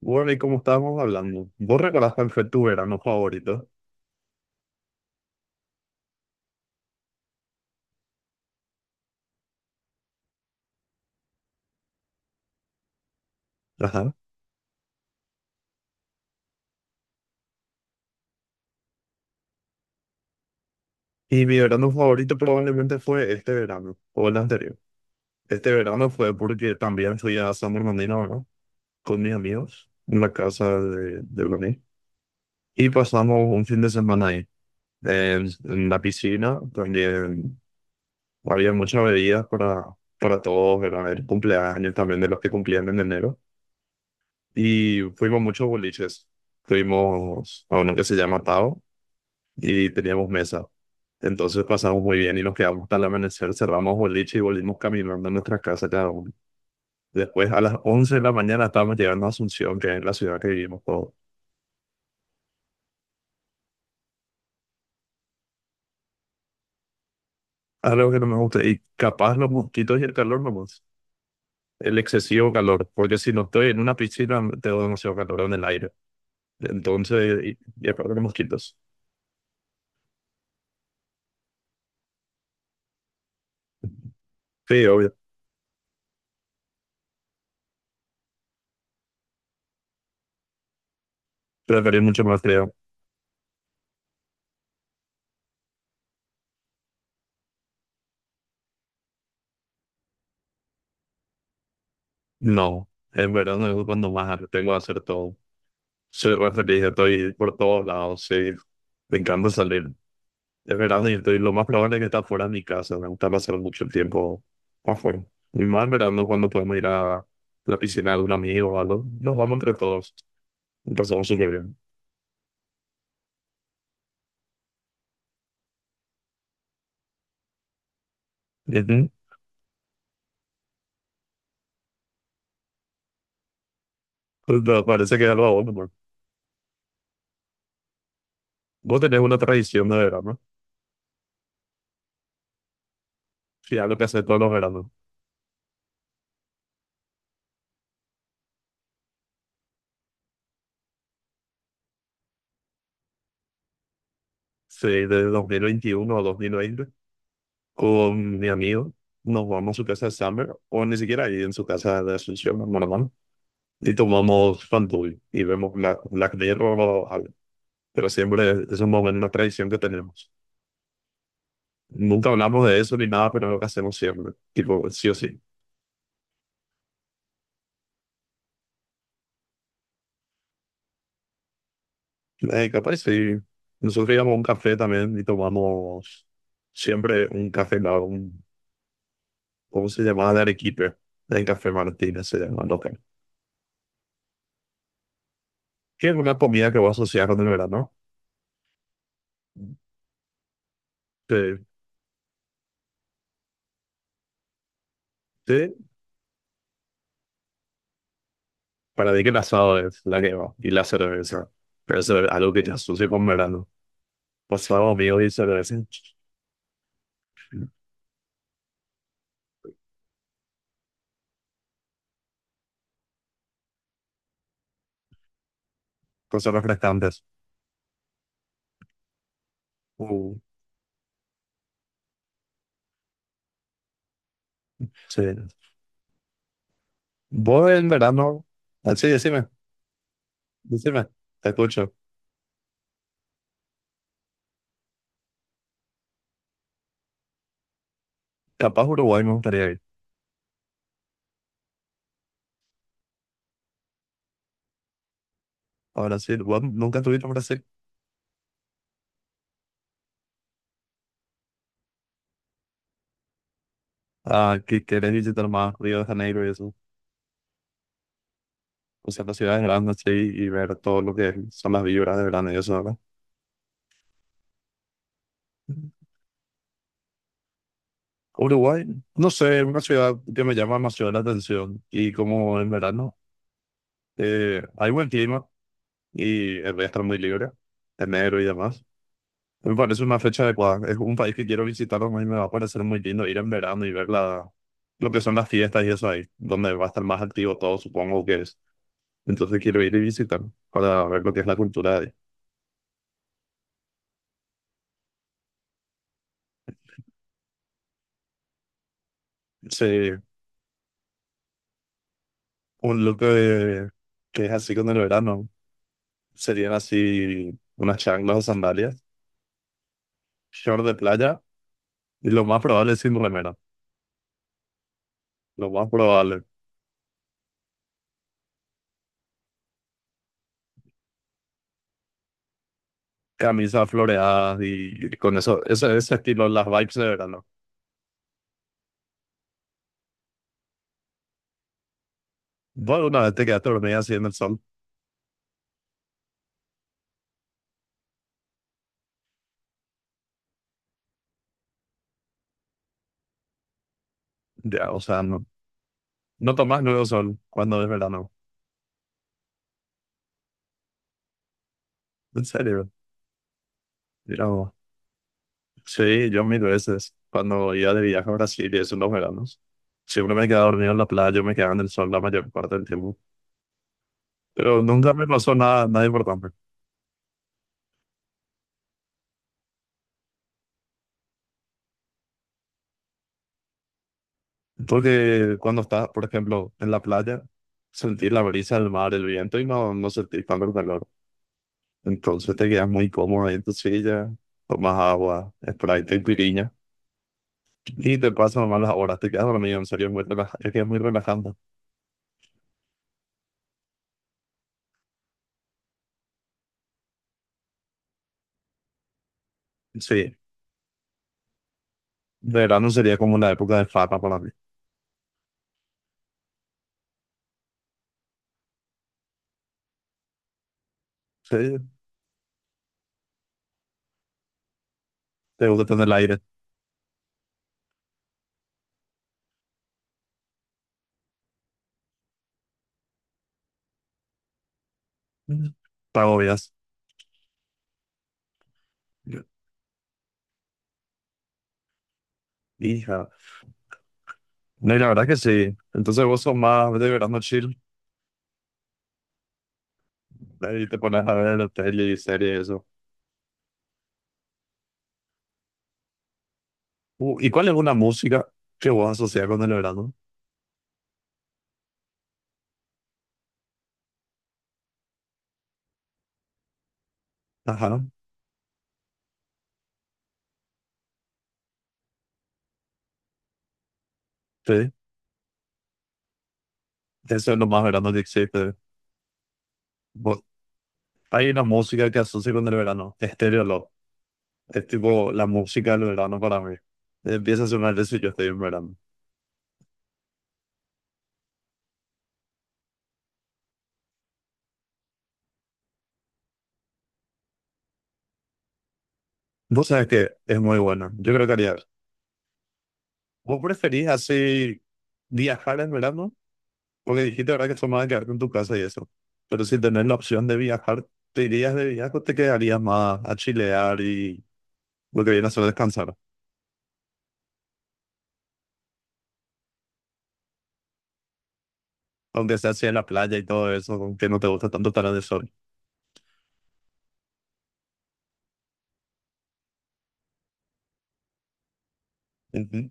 Bueno, y como estábamos hablando, vos recordás cuál fue tu verano favorito. Ajá. Y mi verano favorito probablemente fue este verano, o el anterior. Este verano fue porque también fui a San Bernardino, ¿no? Con mis amigos, en la casa de Brunei. Y pasamos un fin de semana ahí, en la piscina, donde había muchas bebidas para todos, era el cumpleaños también de los que cumplían en enero. Y fuimos muchos boliches. Fuimos a uno que se llama Tao y teníamos mesa. Entonces pasamos muy bien y nos quedamos hasta el amanecer, cerramos boliche y volvimos caminando a nuestra casa cada uno. Después a las 11 de la mañana estábamos llegando a Asunción, que es la ciudad que vivimos todos. Algo que no me gusta, y capaz los mosquitos y el calor, nomás, el excesivo calor, porque si no estoy en una piscina, tengo demasiado calor en el aire. Entonces, y aparte los mosquitos. Sí, obvio, preferir mucho más frío. No, en verano es cuando más tengo que hacer todo. Soy re feliz, estoy por todos lados, sí. Me encanta salir. Es verano y estoy lo más probable es que está fuera de mi casa. Me gusta pasar mucho el tiempo afuera. Y más en verano cuando podemos ir a la piscina de un amigo o algo. Nos vamos entre todos. Y pasamos súper bien. ¿Y Pues, no, parece que es algo bueno, amor. Vos tenés una tradición de verano. Sí, algo que hace todos los veranos. Sí, de 2021 a 2020. Con mi amigo. Nos vamos a su casa de Summer. O ni siquiera ahí, en su casa de Asunción, normal. Y tomamos Fanduel y vemos Black Mirror, al- pero siempre es un momento, una tradición que tenemos. Nunca hablamos de eso ni nada, pero es lo que hacemos siempre, tipo, sí o sí. Capaz, sí. Nosotros íbamos a un café también y tomamos siempre un café, la- un, ¿cómo se llamaba? De Arequipe, el Café Martínez se llama, local. Que es una comida que voy a asociar con el verano. Sí, sí. Para mí que el asado es la que va y la cerveza, pero eso es algo que te asocio con verano. Pues algo mío y cerveza. Cosas refrescantes. Uh, sí. Vos en verano. Ah, sí, decime, decime. Te escucho. Capaz Uruguay me gustaría ir. Ahora sí, vos nunca estuviste en Brasil. Ah, que querés visitar más Río de Janeiro y eso. O sea, las ciudades grandes, sí, y ver todo lo que son las vibras de verano y eso, ¿verdad? Uruguay, no sé, es una ciudad que me llama demasiado la atención. Y como en verano, hay buen clima y el día está muy libre, enero y demás. Me parece una fecha adecuada. Es un país que quiero visitar, a mí me va a parecer muy lindo ir en verano y ver la, lo que son las fiestas y eso ahí, donde va a estar más activo todo, supongo que es. Entonces quiero ir y visitar para ver lo que es la cultura de ahí. Sí, un look de- que es así con el verano. Serían así unas chanclas o sandalias, short de playa y lo más probable es sin remera. Lo más probable, camisas floreadas y con eso, ese estilo, las vibes de verano. Bueno, una vez te quedaste dormida así en el sol. Ya, o sea, no, no tomas luego sol cuando es verano. En serio, mira vos. Sí, yo mil veces, cuando iba de viaje a Brasil y eso en los veranos, siempre me quedaba dormido en la playa, me quedaba en el sol la mayor parte del tiempo. Pero nunca me pasó nada, nada importante. Porque cuando estás, por ejemplo, en la playa, sentir la brisa del mar, el viento y no sentir tanto el calor. Entonces te quedas muy cómodo ahí en tu silla, tomas agua, Sprite y piriña. Y te pasan malas horas, te quedas dormido, en serio, es muy relaja- es que es muy relajante. Sí, de verano sería como la época de fama para mí. Sí, te gusta tener el aire. Te agobias. Hija. No, y la verdad que sí. Entonces vos sos más de verano chill. Ahí te pones a ver la tele y series y eso. ¿Y cuál es una música que vos asociás con el verano? Ajá, sí. Eso es lo más verano que existe. Vos- hay una música que asocio con el verano. Estéreo Love. Es tipo la música del verano para mí. Empieza a sonar eso y yo estoy en verano. Vos sabés que es muy bueno. Yo creo que haría. ¿Vos preferís así viajar en verano? Porque dijiste ahora que son más de quedarte en tu casa y eso. Pero si tenés la opción de viajar, ¿te irías de viaje o te quedarías más a chilear y lo que viene a ser descansar? Aunque sea así en la playa y todo eso, aunque no te gusta tanto estar en el sol. Ujú.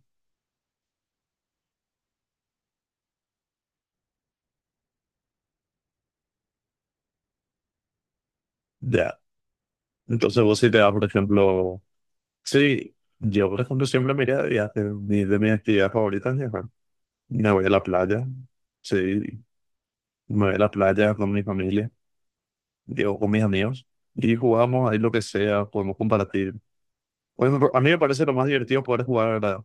Ya. Entonces vos si te vas, por ejemplo... Sí, yo por ejemplo siempre me iría de viaje. Mi- de mis actividades favoritas es viajar. Me voy a la playa. Sí, me voy a la playa con mi familia. Digo, con mis amigos. Y jugamos ahí lo que sea, podemos compartir. Bueno, a mí me parece lo más divertido poder jugar, ¿verdad?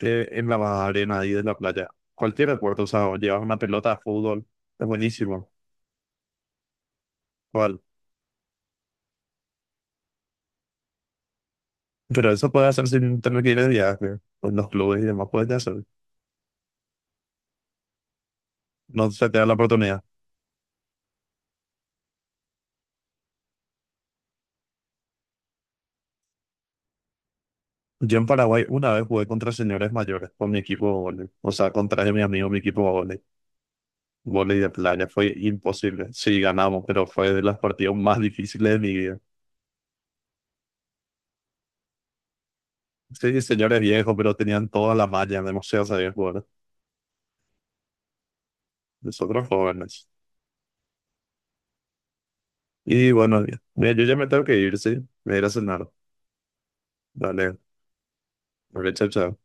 En la arena ahí de la playa. Cualquier deporte, o sea, llevas una pelota de fútbol, es buenísimo. ¿Cuál? Pero eso puedes hacer sin tener que ir de viaje. En los clubes y demás puedes hacer. No se te da la oportunidad. Yo en Paraguay una vez jugué contra señores mayores con mi equipo de vóley. O sea, contra mi amigo, mi equipo de vóley. Vóley de playa. Fue imposible. Sí, ganamos, pero fue de las partidas más difíciles de mi vida. Sí, señores viejos, pero tenían toda la malla, demasiado sabían jugar. Nosotros jóvenes. Y bueno, mira, yo ya me tengo que ir, sí. Me iré a ir a cenar. Dale, chao, chao.